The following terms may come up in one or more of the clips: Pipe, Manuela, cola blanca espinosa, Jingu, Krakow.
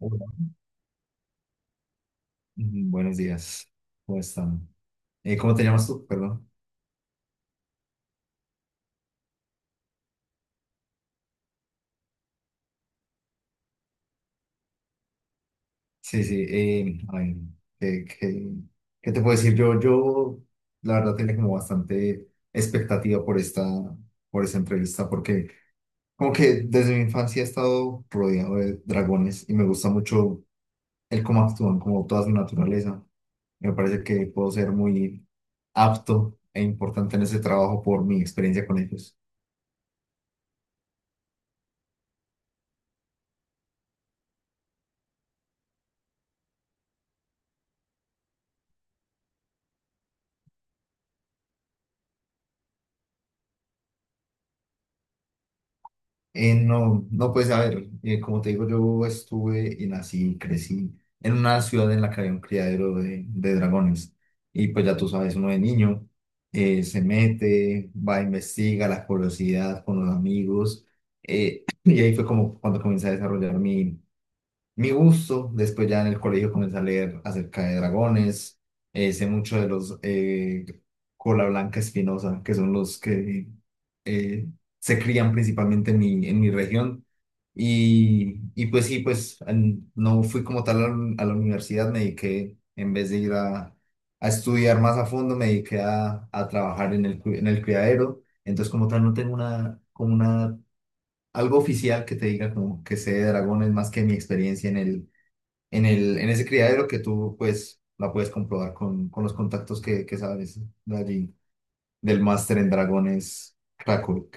Hola. Buenos días, ¿cómo están? ¿Cómo te llamas tú? Perdón. Sí, sí, ay, ¿qué, qué- qué te puedo decir? Yo, la verdad, tenía como bastante expectativa por esta entrevista, porque como que desde mi infancia he estado rodeado de dragones y me gusta mucho el cómo actúan, como toda su naturaleza. Me parece que puedo ser muy apto e importante en ese trabajo por mi experiencia con ellos. No, no, pues a ver, como te digo, yo estuve y nací y crecí en una ciudad en la que había un criadero de dragones. Y pues ya tú sabes, uno de niño se mete, va, investiga la curiosidad con los amigos. Y ahí fue como cuando comencé a desarrollar mi gusto. Después ya en el colegio comencé a leer acerca de dragones. Sé mucho de los cola blanca espinosa, que son los que eh, se crían principalmente en en mi región. Y, pues sí, pues no fui como tal a la universidad, me dediqué, en vez de ir a estudiar más a fondo, me dediqué a trabajar en en el criadero. Entonces como tal no tengo algo oficial que te diga como que sé de dragones más que mi experiencia en ese criadero que tú pues la puedes comprobar con los contactos que sabes de allí, del máster en dragones Krakow.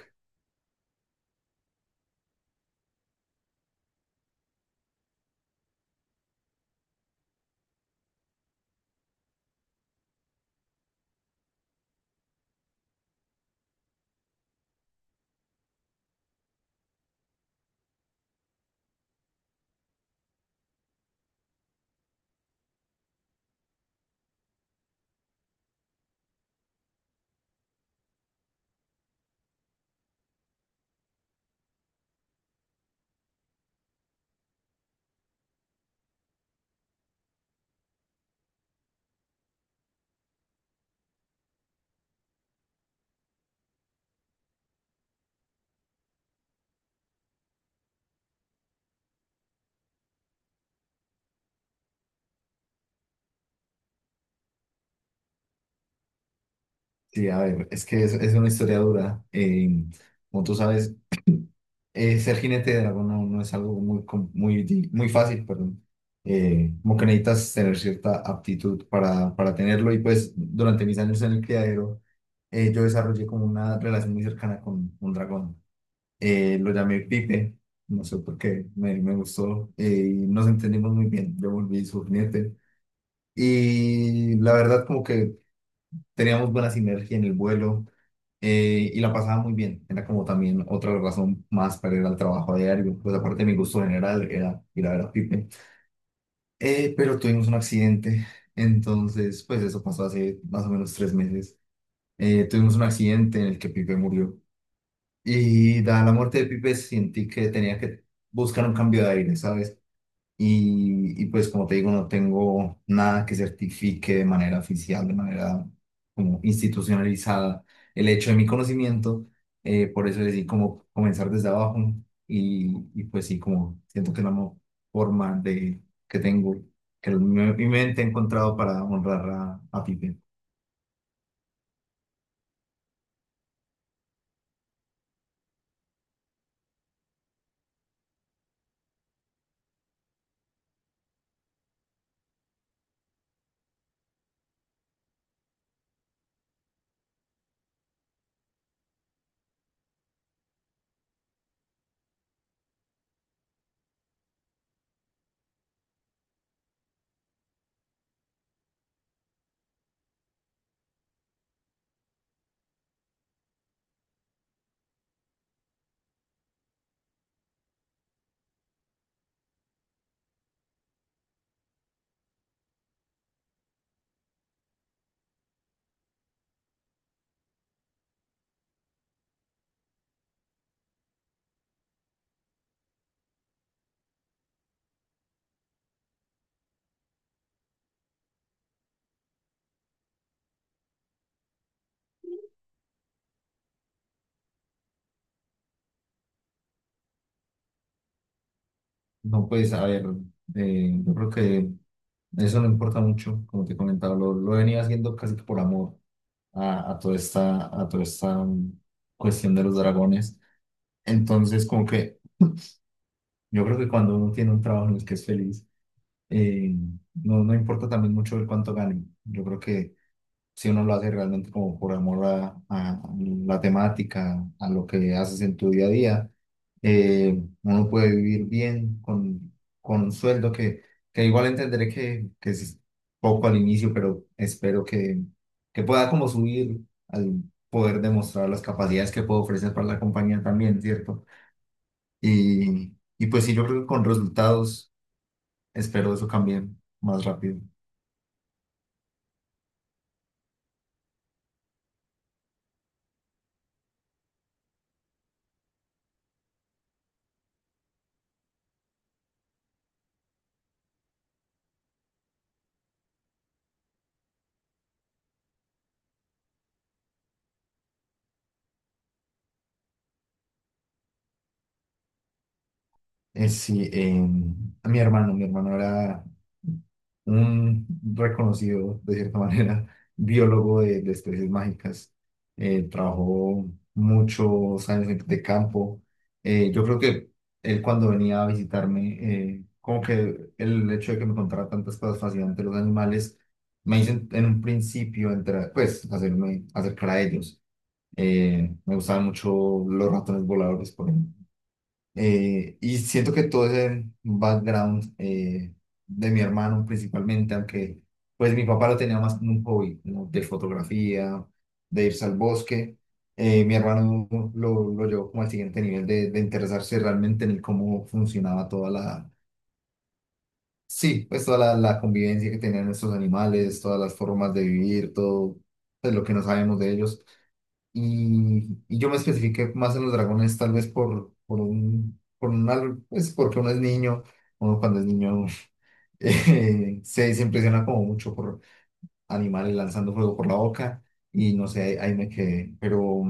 Sí, a ver, es que es una historia dura. Como tú sabes, ser jinete de dragón no, no es algo muy fácil, perdón. Como que necesitas tener cierta aptitud para tenerlo y pues durante mis años en el criadero yo desarrollé como una relación muy cercana con un dragón. Lo llamé Pipe, no sé por qué, me gustó y nos entendimos muy bien. Yo volví su jinete y la verdad como que teníamos buena sinergia en el vuelo y la pasaba muy bien. Era como también otra razón más para ir al trabajo a diario. Pues aparte de mi gusto general era ir a ver a Pipe. Pero tuvimos un accidente. Entonces, pues eso pasó hace más o menos 3 meses. Tuvimos un accidente en el que Pipe murió. Y dada la muerte de Pipe, sentí que tenía que buscar un cambio de aire, ¿sabes? Y, pues como te digo, no tengo nada que certifique de manera oficial, de manera como institucionalizada el hecho de mi conocimiento. Por eso decidí como comenzar desde abajo, y, y pues sí, como siento que es la forma que tengo, mi mente ha encontrado para honrar a Pipe. No, pues a ver, yo creo que eso no importa mucho, como te comentaba, lo venía haciendo casi que por amor a toda esta cuestión de los dragones. Entonces, como que yo creo que cuando uno tiene un trabajo en el que es feliz, eh, no, no importa también mucho el cuánto gane. Yo creo que si uno lo hace realmente como por amor a la temática, a lo que haces en tu día a día, uno puede vivir bien con un sueldo que igual entenderé que es poco al inicio, pero espero que pueda como subir al poder demostrar las capacidades que puedo ofrecer para la compañía también, ¿cierto? Y, y, pues sí, yo creo que con resultados espero eso cambie más rápido. Sí, mi hermano era un reconocido, de cierta manera, biólogo de especies mágicas. Trabajó muchos años de campo. Yo creo que él cuando venía a visitarme, como que el hecho de que me contara tantas cosas fascinantes de los animales, me hizo en un principio entrar, pues hacerme acercar a ellos. Me gustaban mucho los ratones voladores, por ejemplo. Y siento que todo ese background de mi hermano principalmente, aunque pues mi papá lo tenía más como un hobby, como de fotografía, de irse al bosque, mi hermano lo llevó como al siguiente nivel de interesarse realmente en el cómo funcionaba sí, pues toda la convivencia que tenían estos animales, todas las formas de vivir, todo pues, lo que no sabemos de ellos. Y, yo me especifiqué más en los dragones, tal vez pues porque uno es niño, uno cuando es niño se impresiona como mucho por animales lanzando fuego por la boca y no sé, ahí, ahí me quedé. Pero,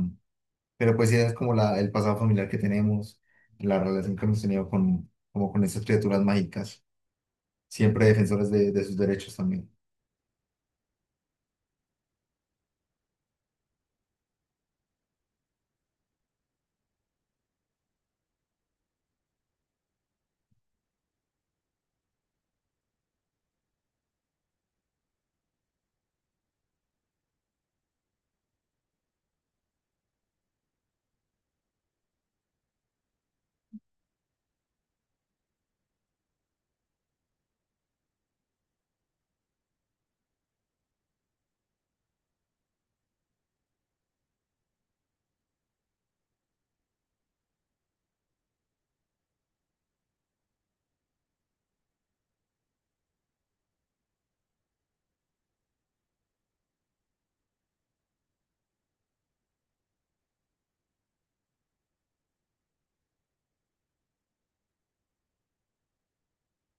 pero pues sí, es como el pasado familiar que tenemos, la relación que hemos tenido como con esas criaturas mágicas, siempre defensores de sus derechos también.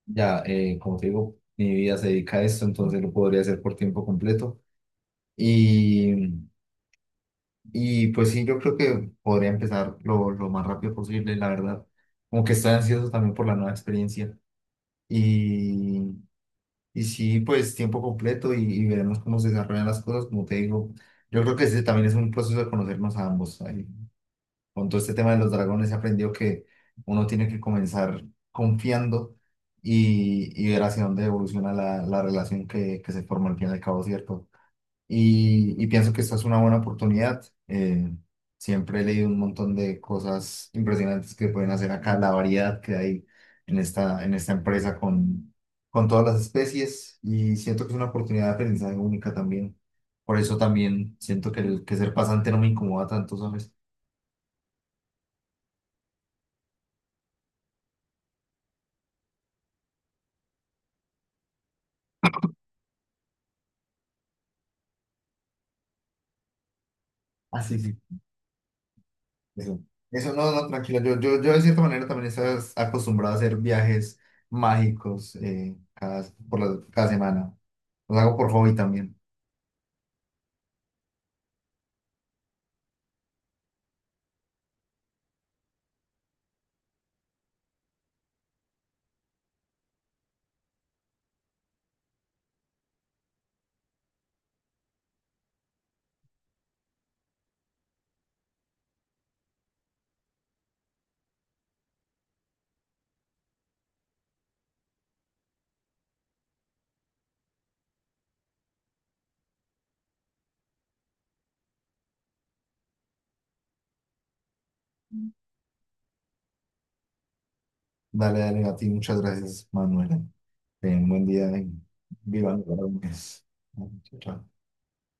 Ya, como te digo, mi vida se dedica a esto, entonces lo podría hacer por tiempo completo. Y, y, pues sí, yo creo que podría empezar lo más rápido posible, la verdad. Como que estoy ansioso también por la nueva experiencia. Y, y, sí, pues tiempo completo y veremos cómo se desarrollan las cosas. Como te digo, yo creo que ese también es un proceso de conocernos a ambos. Ahí con todo este tema de los dragones he aprendido que uno tiene que comenzar confiando, y ver hacia dónde evoluciona la relación que se forma al fin y al cabo, ¿cierto? Y, pienso que esta es una buena oportunidad. eh, siempre he leído un montón de cosas impresionantes que pueden hacer acá, la variedad que hay en esta empresa con todas las especies y siento que es una oportunidad de aprendizaje única también. Por eso también siento que ser pasante no me incomoda tanto, ¿sabes? Sí, sí. Eso, eso no, no, tranquila. Yo de cierta manera también estaba acostumbrado a hacer viajes mágicos cada semana. Los hago por hobby también. Dale, dale, a ti. Muchas gracias, Manuela. Ten un buen día y viva. Chao, chao.